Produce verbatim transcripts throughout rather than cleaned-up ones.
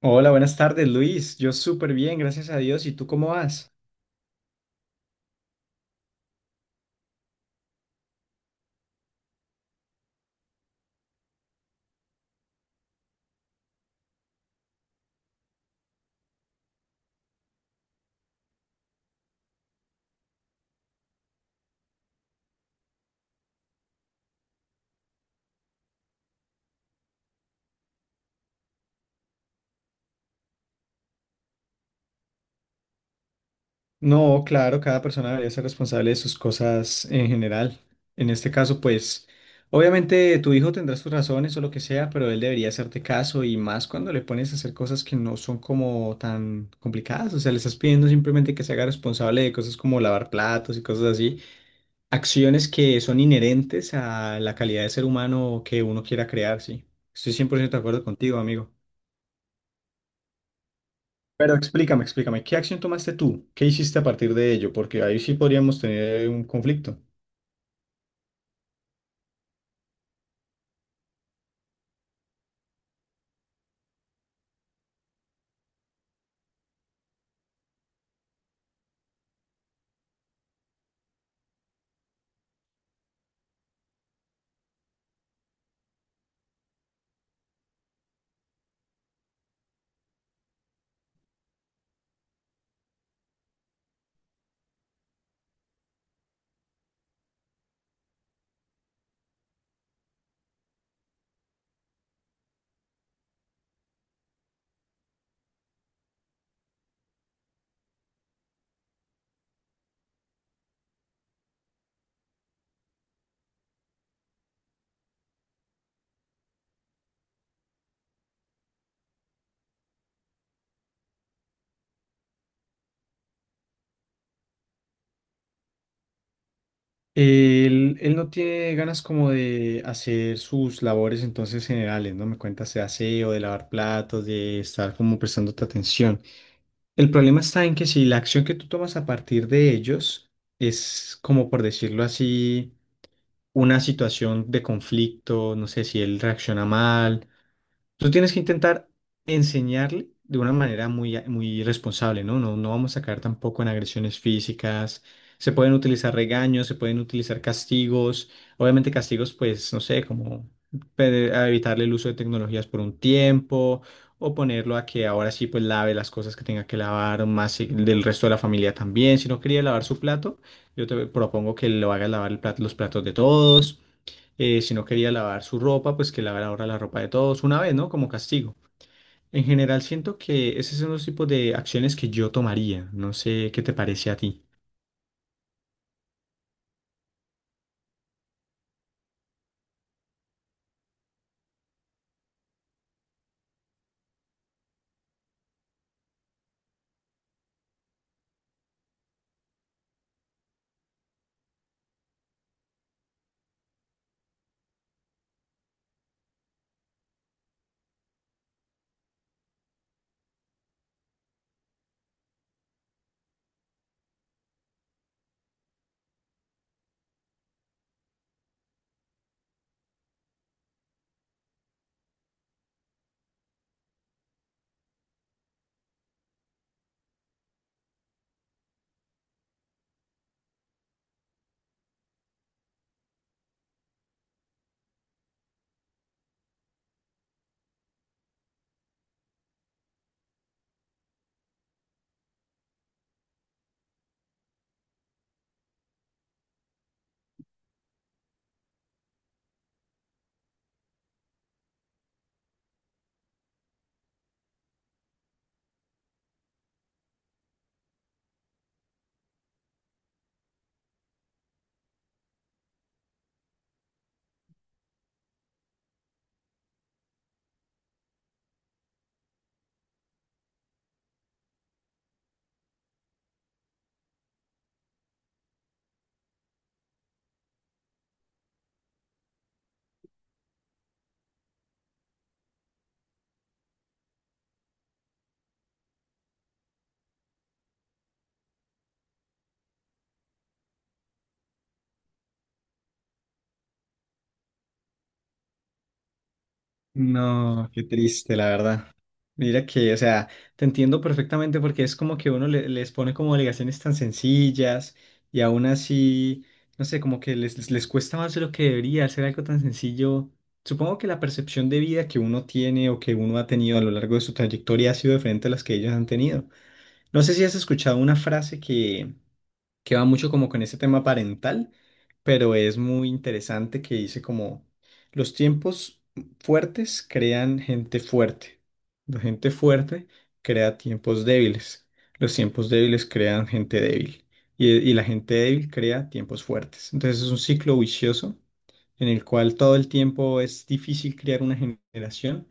Hola, buenas tardes, Luis. Yo súper bien, gracias a Dios. ¿Y tú cómo vas? No, claro, cada persona debería ser responsable de sus cosas en general. En este caso, pues, obviamente tu hijo tendrá sus razones o lo que sea, pero él debería hacerte caso y más cuando le pones a hacer cosas que no son como tan complicadas. O sea, le estás pidiendo simplemente que se haga responsable de cosas como lavar platos y cosas así. Acciones que son inherentes a la calidad de ser humano que uno quiera crear, sí. Estoy cien por ciento de acuerdo contigo, amigo. Pero explícame, explícame, ¿qué acción tomaste tú? ¿Qué hiciste a partir de ello? Porque ahí sí podríamos tener un conflicto. Él, él no tiene ganas como de hacer sus labores entonces generales, ¿no? Me cuentas de aseo, de lavar platos, de estar como prestándote atención. El problema está en que si la acción que tú tomas a partir de ellos es, como por decirlo así, una situación de conflicto, no sé si él reacciona mal. Tú tienes que intentar enseñarle de una manera muy, muy responsable, ¿no? No, no vamos a caer tampoco en agresiones físicas. Se pueden utilizar regaños, se pueden utilizar castigos. Obviamente castigos, pues, no sé, como pe- a evitarle el uso de tecnologías por un tiempo o ponerlo a que ahora sí, pues, lave las cosas que tenga que lavar, o más si- del resto de la familia también. Si no quería lavar su plato, yo te propongo que lo haga lavar el plat- los platos de todos, eh, si no quería lavar su ropa, pues que lavara ahora la ropa de todos una vez, ¿no? Como castigo. En general, siento que esos son los tipos de acciones que yo tomaría. No sé qué te parece a ti. No, qué triste, la verdad. Mira que, o sea, te entiendo perfectamente porque es como que uno le- les pone como obligaciones tan sencillas y aún así, no sé, como que les, les cuesta más de lo que debería hacer algo tan sencillo. Supongo que la percepción de vida que uno tiene o que uno ha tenido a lo largo de su trayectoria ha sido diferente a las que ellos han tenido. No sé si has escuchado una frase que, que va mucho como con ese tema parental, pero es muy interesante, que dice como: los tiempos fuertes crean gente fuerte, la gente fuerte crea tiempos débiles, los tiempos débiles crean gente débil y, y la gente débil crea tiempos fuertes. Entonces es un ciclo vicioso en el cual todo el tiempo es difícil crear una generación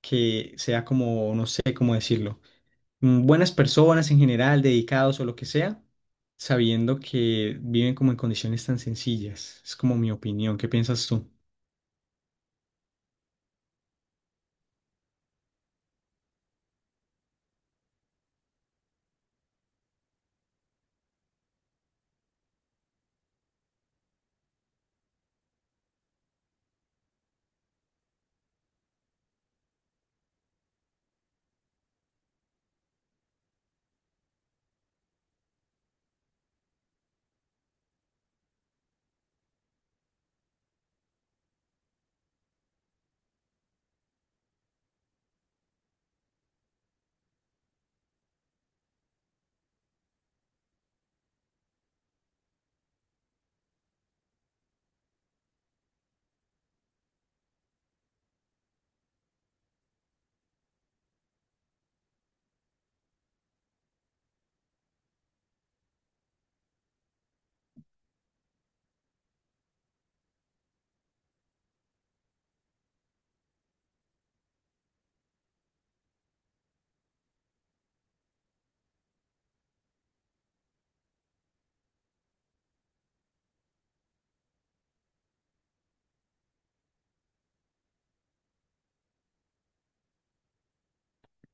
que sea como, no sé cómo decirlo, mm, buenas personas en general, dedicados o lo que sea, sabiendo que viven como en condiciones tan sencillas. Es como mi opinión. ¿Qué piensas tú?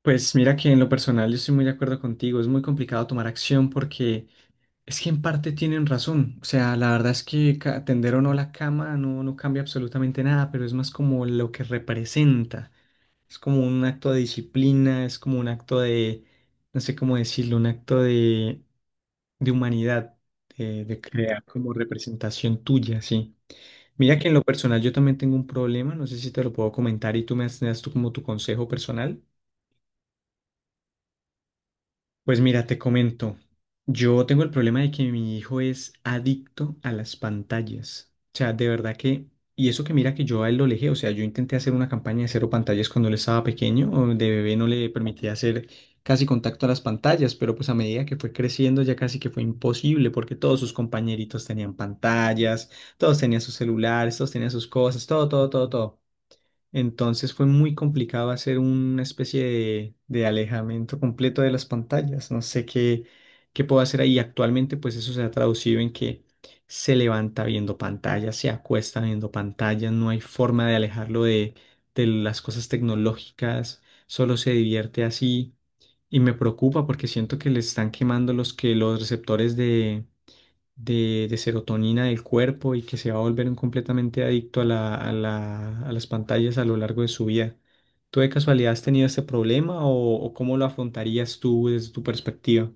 Pues mira que en lo personal yo estoy muy de acuerdo contigo. Es muy complicado tomar acción porque es que en parte tienen razón. O sea, la verdad es que ca- tender o no la cama no, no cambia absolutamente nada, pero es más como lo que representa. Es como un acto de disciplina, es como un acto de, no sé cómo decirlo, un acto de de humanidad, de, de crear como representación tuya, sí. Mira que en lo personal yo también tengo un problema, no sé si te lo puedo comentar y tú me das, me das tú como tu consejo personal. Pues mira, te comento, yo tengo el problema de que mi hijo es adicto a las pantallas. O sea, de verdad que, y eso que mira que yo a él lo alejé, o sea, yo intenté hacer una campaña de cero pantallas cuando él estaba pequeño, o de bebé no le permitía hacer casi contacto a las pantallas, pero pues a medida que fue creciendo ya casi que fue imposible porque todos sus compañeritos tenían pantallas, todos tenían sus celulares, todos tenían sus cosas, todo, todo, todo, todo. Entonces fue muy complicado hacer una especie de, de alejamiento completo de las pantallas. No sé qué, qué puedo hacer ahí. Actualmente, pues eso se ha traducido en que se levanta viendo pantallas, se acuesta viendo pantallas, no hay forma de alejarlo de, de las cosas tecnológicas, solo se divierte así. Y me preocupa porque siento que le están quemando los que los receptores de, de serotonina del cuerpo y que se va a volver un completamente adicto a la, a la- a las pantallas a lo largo de su vida. ¿Tú de casualidad has tenido este problema o, o cómo lo afrontarías tú desde tu perspectiva?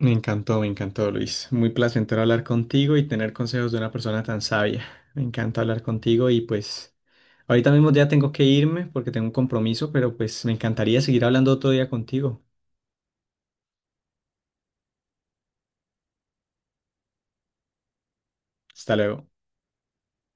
Me encantó, me encantó, Luis. Muy placentero hablar contigo y tener consejos de una persona tan sabia. Me encanta hablar contigo y pues ahorita mismo ya tengo que irme porque tengo un compromiso, pero pues me encantaría seguir hablando otro día contigo. Hasta luego.